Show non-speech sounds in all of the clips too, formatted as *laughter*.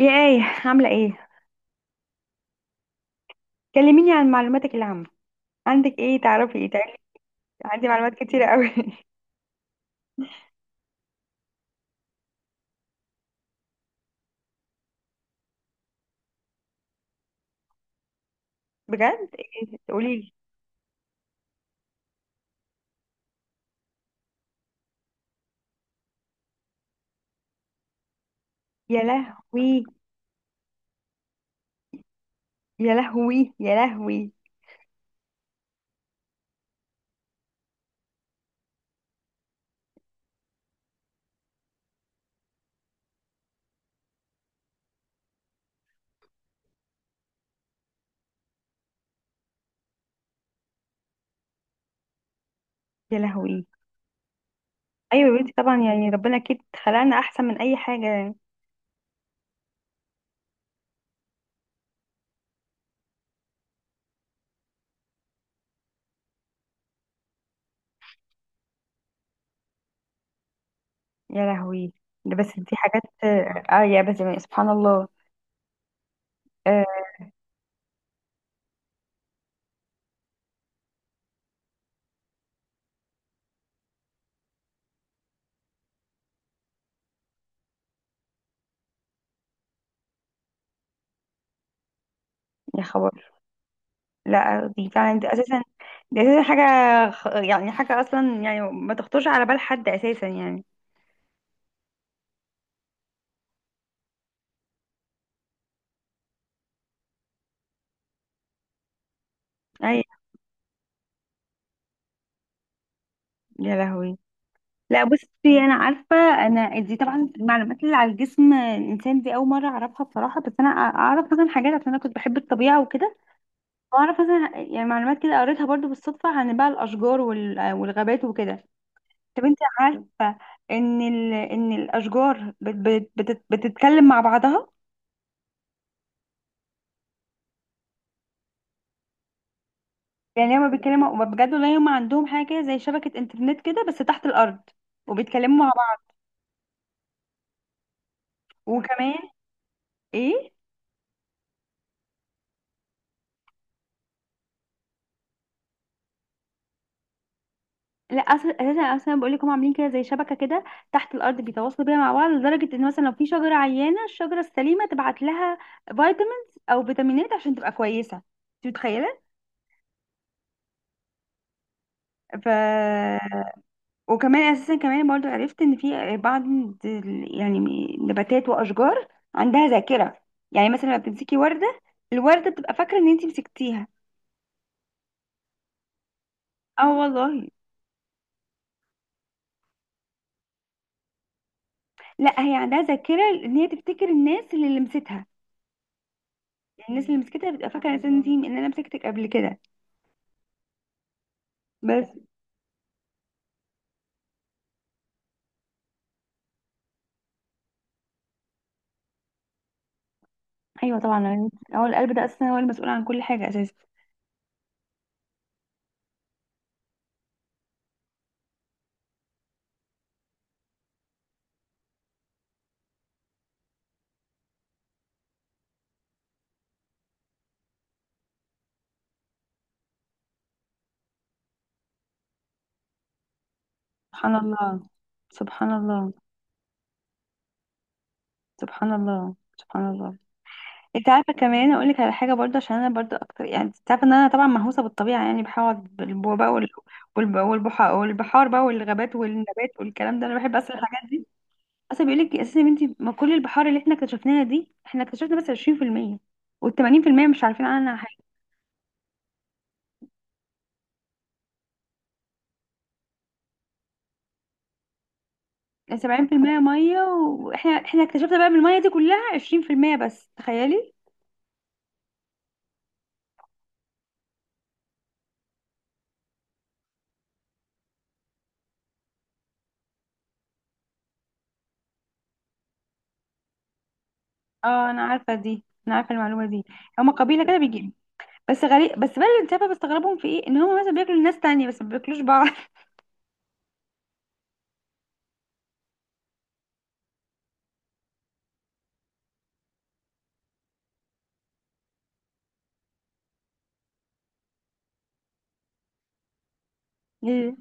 يا آية، عاملة ايه؟ كلميني عن معلوماتك العامة. عندك ايه تعرفي؟ ايه تعرفي؟ عندي معلومات كتيرة قوي. *laughs* بجد؟ ايه؟ قوليلي. يا لهوي، يا لهوي، يا لهوي، يا لهوي. ايوه يا بنتي، طبعا يعني ربنا اكيد خلقنا احسن من اي حاجة. يا لهوي. ده بس دي حاجات، يا بس يعني سبحان الله. آه. يا خبر. لا، دي فعلا، دي اساسا حاجة. يعني حاجة اصلا، يعني ما تخطرش على بال حد اساسا يعني. اي، يا لهوي. لا بصي، انا عارفه. انا دي طبعا المعلومات اللي على الجسم الانسان دي اول مره اعرفها بصراحه، بس انا اعرف مثلا حاجات عشان انا كنت بحب الطبيعه وكده، واعرف مثلا يعني معلومات كده قريتها برضو بالصدفه عن بقى الاشجار والغابات وكده. طب انت عارفه ان الاشجار بتتكلم مع بعضها؟ يعني هما بيتكلموا بجد، والله هما عندهم حاجه كده زي شبكه انترنت كده بس تحت الارض، وبيتكلموا مع بعض. وكمان ايه. لا، أصل اساسا اصلا بقول لك هم عاملين كده زي شبكه كده تحت الارض، بيتواصلوا بيها مع بعض لدرجه ان مثلا لو في شجره عيانه الشجره السليمه تبعت لها فيتامينز او فيتامينات عشان تبقى كويسه، انت متخيله؟ ف وكمان اساسا كمان برضو عرفت ان في بعض يعني نباتات واشجار عندها ذاكره. يعني مثلا لما بتمسكي ورده، الورده بتبقى فاكره ان انت مسكتيها. اه والله. لا، هي عندها ذاكره ان هي تفتكر الناس اللي لمستها، الناس اللي مسكتها بتبقى فاكره اساسا ان انت ان انا مسكتك قبل كده. بس. ايوه طبعا يعني هو القلب ده اساسا هو المسؤول عن كل حاجه اساسا. سبحان الله، سبحان الله، سبحان الله، سبحان الله. انت عارفه، كمان اقول لك على حاجه برضه عشان انا برضه اكتر، يعني انت عارفه ان انا طبعا مهووسه بالطبيعه، يعني بحاول بالبو بقى والبحار بقى والغابات والنبات والكلام ده، انا بحب اصلا الحاجات دي. اصلا بيقول لك اساسا يا بنتي، ما كل البحار اللي احنا اكتشفناها دي احنا اكتشفنا بس 20%، وال80% مش عارفين عنها حاجه. 70% ميه، واحنا احنا اكتشفنا بقى من الميه دي كلها 20% بس، تخيلي. اه انا عارفه دي، انا عارفه المعلومه دي. هما قبيله كده بيجي. بس غريب بس بقى اللي انت عارفه بستغربهم في ايه، ان هما مثلا بياكلوا الناس تانية بس ما بياكلوش بعض. *laughs* يا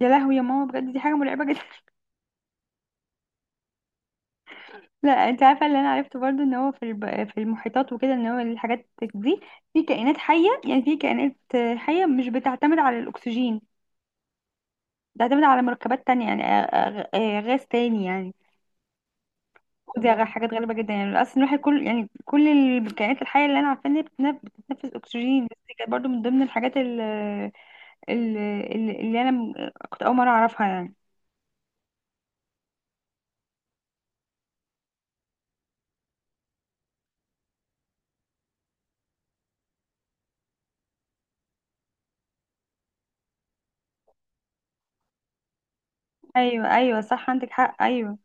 يا لهوي، يا ماما، بجد دي حاجه مرعبه جدا. *laughs* لا انت عارفه اللي انا عرفته برضو، ان هو في المحيطات وكده، ان هو الحاجات دي في كائنات حيه، يعني في كائنات حيه مش بتعتمد على الاكسجين، بتعتمد على مركبات تانية يعني، غاز تاني يعني. ودي حاجات غريبة جدا، يعني أصلا الواحد كل كائنات الحية اللي أنا عارفة إن هي بتتنفس أكسجين، بس دي كانت برضه من ضمن الحاجات اللي أنا كنت أول مرة أعرفها يعني. أيوه أيوه صح، عندك حق، أيوه.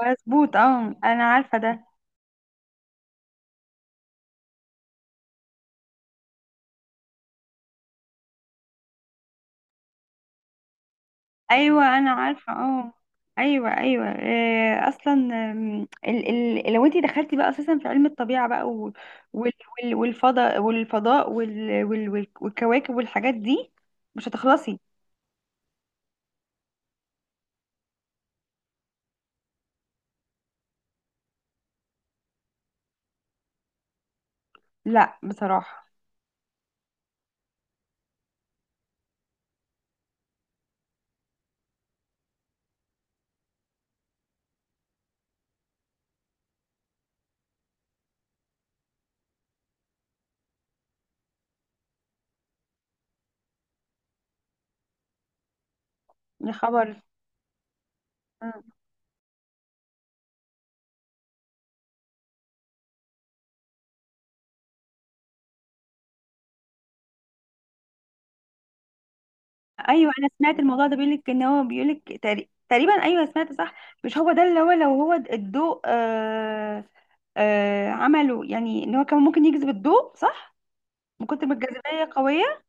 مظبوط، أه، أنا عارفة ده. أيوه أنا عارفة، أه. أيوه أيوه، أصلا ال ال لو أنت دخلتي بقى أساسا في علم الطبيعة بقى وال والفضاء والكواكب والحاجات دي، مش هتخلصي. لا بصراحة. يا خبر. مم. ايوه انا سمعت الموضوع ده، بيقولك ان هو بيقولك تقريبا، ايوه سمعت صح. مش هو ده، اللي هو لو هو الضوء، عمله يعني ان هو كان ممكن يجذب الضوء، صح، من كتر ما الجاذبيه قويه.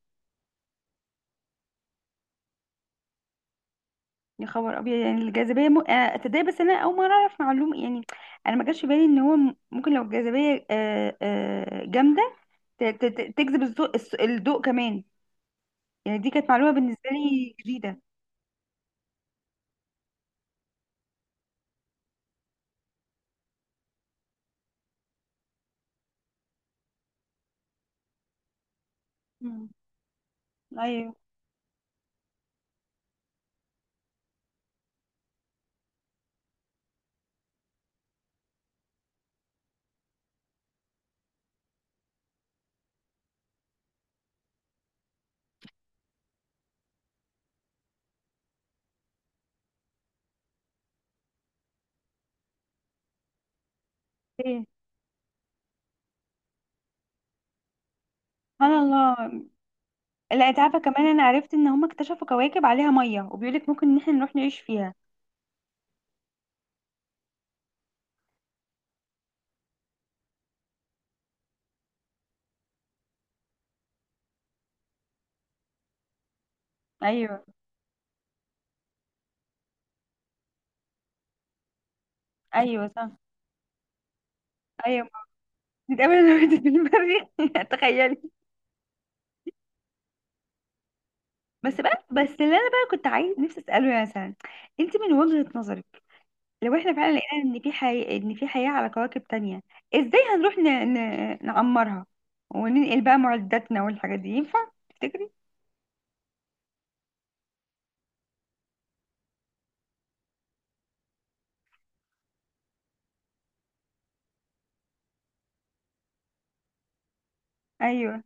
يا خبر ابيض، يعني الجاذبيه م... آه تصدقي، بس انا اول مره اعرف معلومه يعني. انا ما جاش في بالي ان هو ممكن لو الجاذبيه جامده تجذب الضوء، الضوء كمان، يعني دي كانت معلومه بالنسبه لي جديده. مم. ايوه. ايه سبحان الله. لا انت عارفه كمان، انا عرفت ان هم اكتشفوا كواكب عليها ميه، وبيقولك ممكن ان احنا نروح نعيش فيها. ايوه، ايوه صح. ايوه. نتقابل انا وانت في المريخ *laughs* تخيلي. بس بقى، بس اللي انا بقى كنت عايز نفسي اساله، مثلا انت من وجهه نظرك، لو احنا فعلا لقينا ان في حياه على كواكب تانية، ازاي هنروح نعمرها، وننقل بقى معداتنا والحاجات دي، ينفع تفتكري؟ ايوه.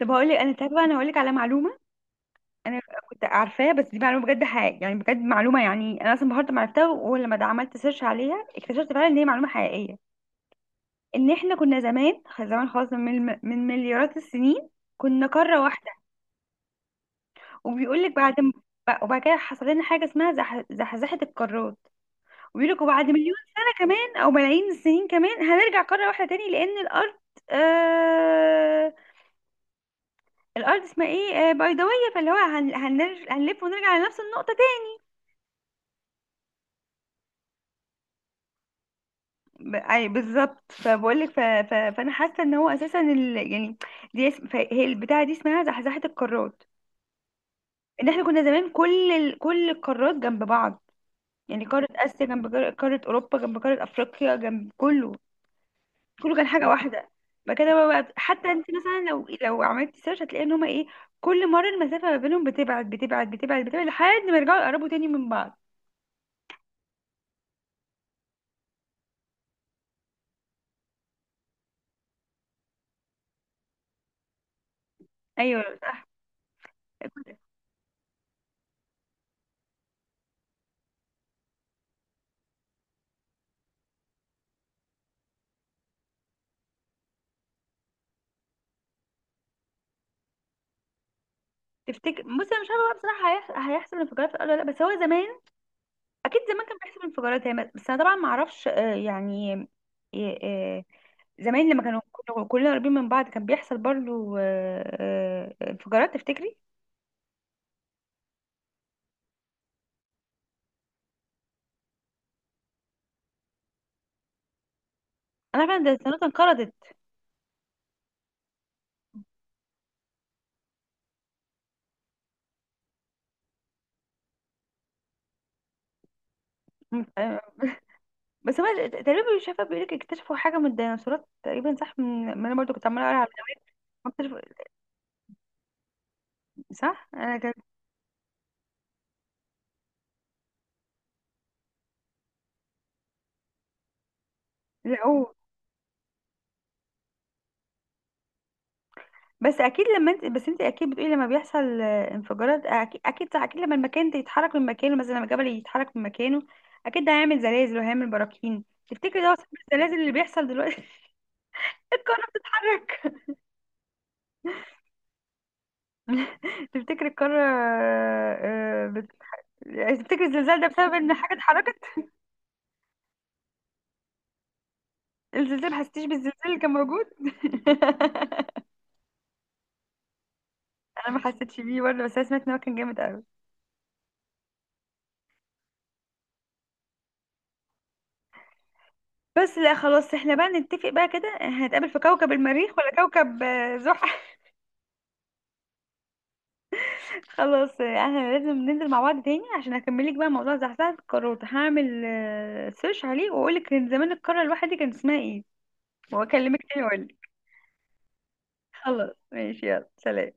طب هقول لك، انا تعرفه، انا هقول لك على معلومه. انا كنت عارفاها، بس دي معلومه بجد حقيقيه يعني، بجد معلومه يعني، انا اصلا بهارت ما عرفتها، ولما ده عملت سيرش عليها اكتشفت فعلا ان هي معلومه حقيقيه. ان احنا كنا زمان زمان خالص من مليارات السنين كنا قاره واحده. وبيقول لك وبعد كده حصل لنا حاجه اسمها زحزحه القارات، وبيقول لك وبعد مليون سنه كمان او ملايين السنين كمان هنرجع قاره واحده تاني، لان الارض، آه، الارض اسمها ايه، بيضاويه، فاللي هو هنلف ونرجع لنفس النقطه. اي بالظبط، فبقول لك، فانا حاسه ان هو اساسا يعني، هي البتاعه دي اسمها زحزحه القارات، ان احنا كنا زمان كل القارات جنب بعض. يعني قاره اسيا جنب قاره اوروبا جنب قاره افريقيا جنب كله، كله كان حاجه واحده. بعد كده بقى، حتى انت مثلا لو عملتي سيرش هتلاقي ان هما ايه، كل مره المسافه ما بينهم بتبعد بتبعد بتبعد بتبعد لحد ما يرجعوا يقربوا تاني من بعض. ايوه صح. تفتكر؟ بصي انا مش عارفه بقى بصراحه، هيحصل انفجارات في الارض ولا لا، بس هو زمان اكيد زمان كان بيحصل انفجارات هي، بس انا طبعا ما اعرفش، يعني. آه، آه، زمان لما كلنا قريبين من بعض كان بيحصل برضو، انفجارات تفتكري؟ انا عارفه ان الديناصورات انقرضت. م- آه، بس هو تقريبا مش عارفه، بيقول لك اكتشفوا حاجه من الديناصورات تقريبا، صح، من ما انا برضو كنت عماله اقرا على. اكتشفوا صح انا كان لقوه. بس اكيد لما انت، بس انت اكيد بتقولي، لما بيحصل انفجارات اكيد اكيد اكيد، لما المكان ده يتحرك من مكانه، مثلا لما الجبل يتحرك من مكانه، اكيد ده هيعمل زلازل وهيعمل براكين. تفتكري ده هو سبب الزلازل اللي بيحصل دلوقتي؟ *laughs* القارة بتتحرك. *laughs* تفتكري القارة، يعني تفتكري الزلزال ده بسبب ان حاجة اتحركت؟ الزلزال، ما حسيتيش بالزلزال اللي كان موجود؟ *laughs* انا ما حسيتش بيه برضه، بس انا سمعت ان هو كان جامد قوي. بس لا خلاص، احنا بقى نتفق بقى كده، هنتقابل في كوكب المريخ ولا كوكب، زحل. خلاص احنا لازم ننزل مع بعض تاني عشان اكملك بقى موضوع زحزحة الكروت، هعمل سيرش عليه واقولك كان زمان القارة الواحدة دي كان اسمها ايه، واكلمك تاني واقولك. خلاص ماشي، يلا سلام.